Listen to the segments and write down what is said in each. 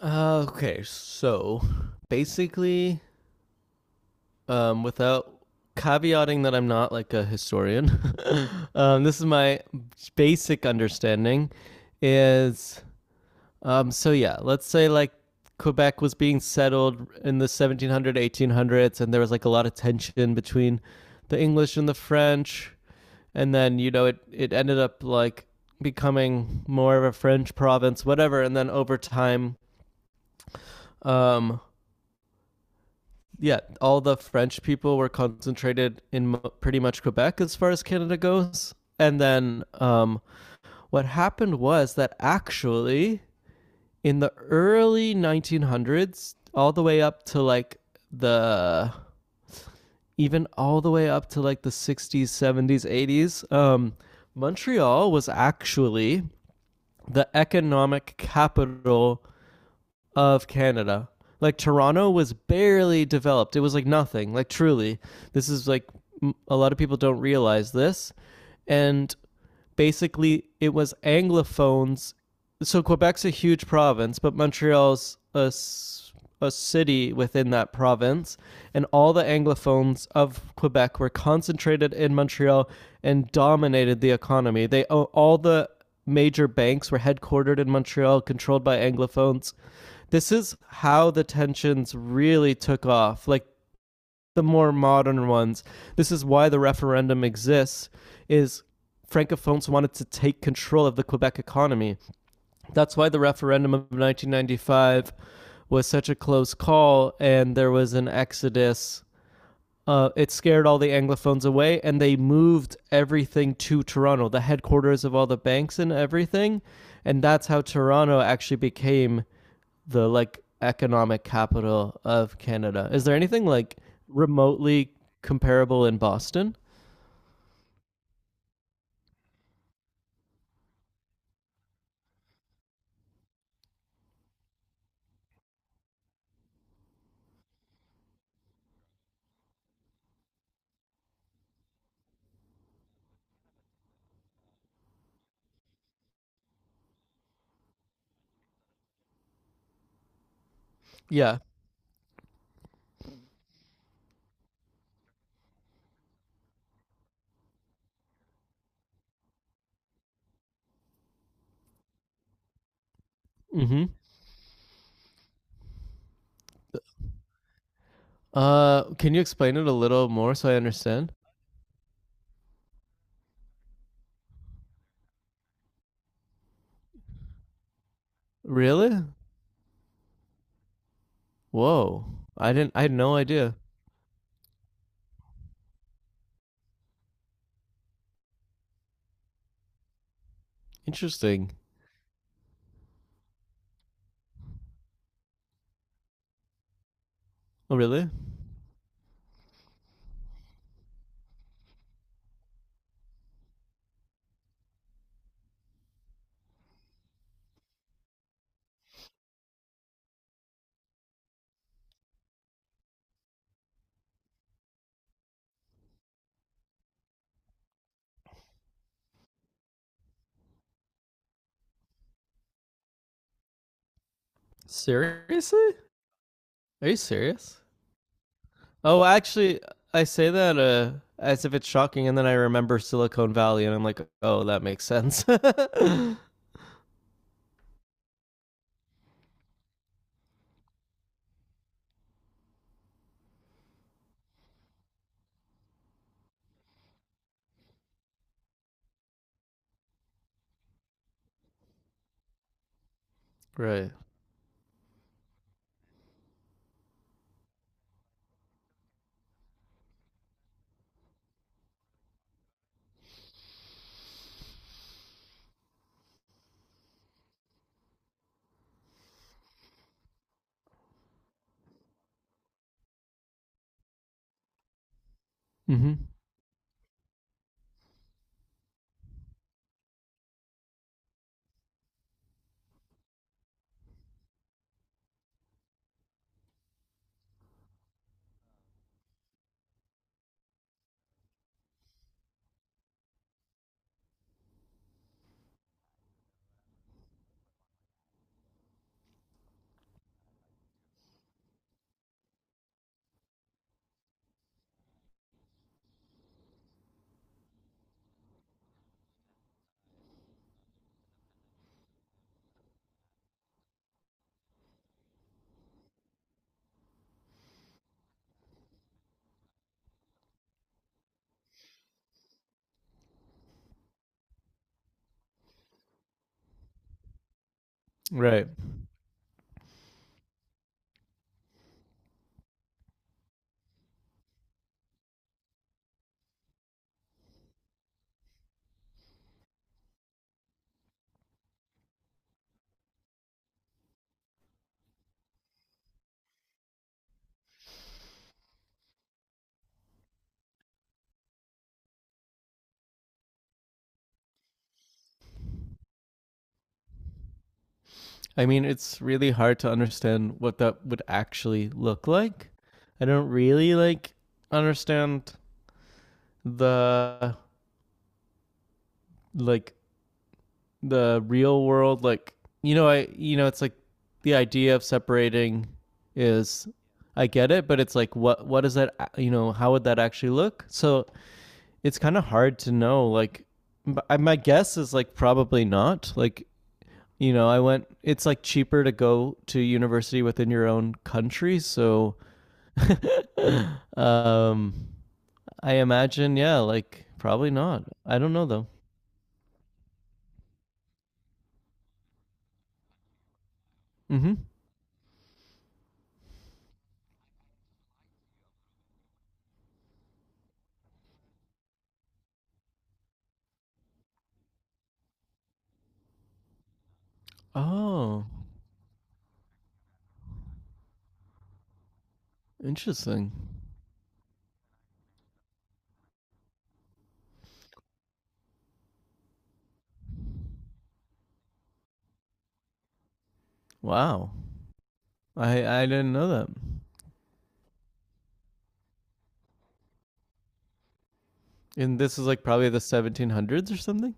Okay, so basically, without caveating that I'm not like a historian, this is my basic understanding. Is so yeah, let's say like Quebec was being settled in the 1700s, 1800s, and there was like a lot of tension between the English and the French, and then you know it ended up like becoming more of a French province, whatever, and then over time um, yeah, all the French people were concentrated in pretty much Quebec as far as Canada goes. And then what happened was that actually in the early 1900s, all the way up to like the even all the way up to like the 60s, 70s, 80s, Montreal was actually the economic capital of Canada. Like Toronto was barely developed. It was like nothing. Like truly, this is like a lot of people don't realize this, and basically it was Anglophones. So Quebec's a huge province, but Montreal's a city within that province, and all the Anglophones of Quebec were concentrated in Montreal and dominated the economy. The major banks were headquartered in Montreal, controlled by Anglophones. This is how the tensions really took off, like the more modern ones. This is why the referendum exists is francophones wanted to take control of the Quebec economy. That's why the referendum of 1995 was such a close call and there was an exodus. It scared all the Anglophones away and they moved everything to Toronto, the headquarters of all the banks and everything. And that's how Toronto actually became the like economic capital of Canada. Is there anything like remotely comparable in Boston? Yeah. Mhm. Can you explain it a little more so I understand? Really? Whoa. I had no idea. Interesting. Oh, really? Seriously? Are you serious? Oh, actually I say that as if it's shocking and then I remember Silicon Valley and I'm like, "Oh, that makes sense." Right. Mhm. Right. I mean, it's really hard to understand what that would actually look like. I don't really like understand the like the real world like you know, it's like the idea of separating is, I get it, but it's like what is that, you know, how would that actually look? So it's kind of hard to know like my guess is like probably not, like you know I went, it's like cheaper to go to university within your own country, so um, I imagine, yeah, like probably not. I don't know though. Mm-hmm. Oh, interesting. Wow, I didn't know that. And this is like probably the 1700s or something.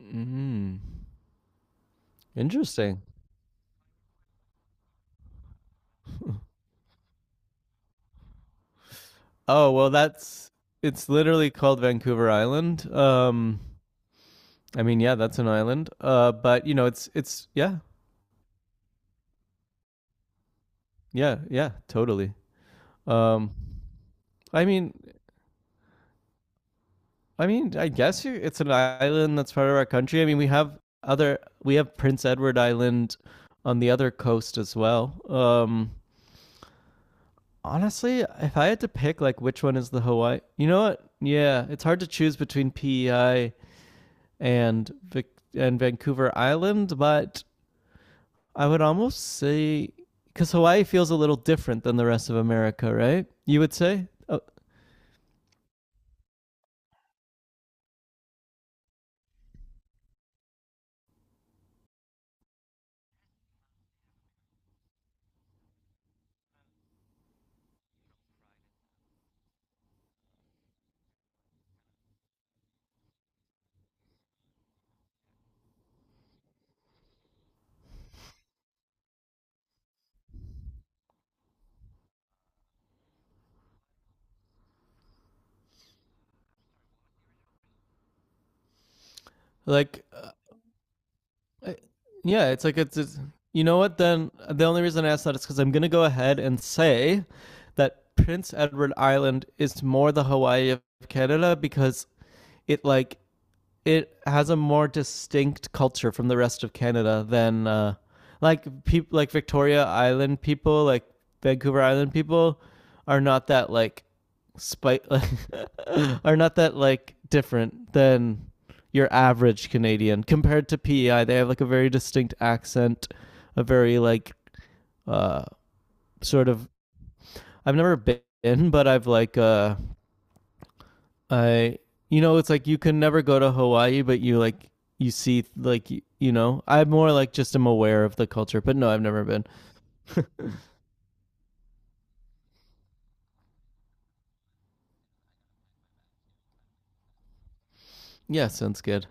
Mm-hmm. Interesting. Oh well, that's it's literally called Vancouver Island. I mean, yeah, that's an island. But you know, it's yeah, yeah, yeah, totally. Um, I mean, I mean, I guess it's an island that's part of our country. I mean, we have Prince Edward Island on the other coast as well. Um, honestly, if I had to pick like which one is the Hawaii. You know what? Yeah, it's hard to choose between PEI and Vancouver Island, but I would almost say cuz Hawaii feels a little different than the rest of America, right? You would say? Oh, like I, yeah, it's like it's, you know what? Then the only reason I asked that is because I'm gonna go ahead and say that Prince Edward Island is more the Hawaii of Canada because it like it has a more distinct culture from the rest of Canada than like people like Victoria Island people, like Vancouver Island people, are not that like spite like, are not that like different than your average Canadian compared to PEI. They have like a very distinct accent, a very like uh sort of. I've never been, but I've like I you know it's like you can never go to Hawaii, but you like you see like you know. I more like just am aware of the culture, but no, I've never been. Yeah, sounds good.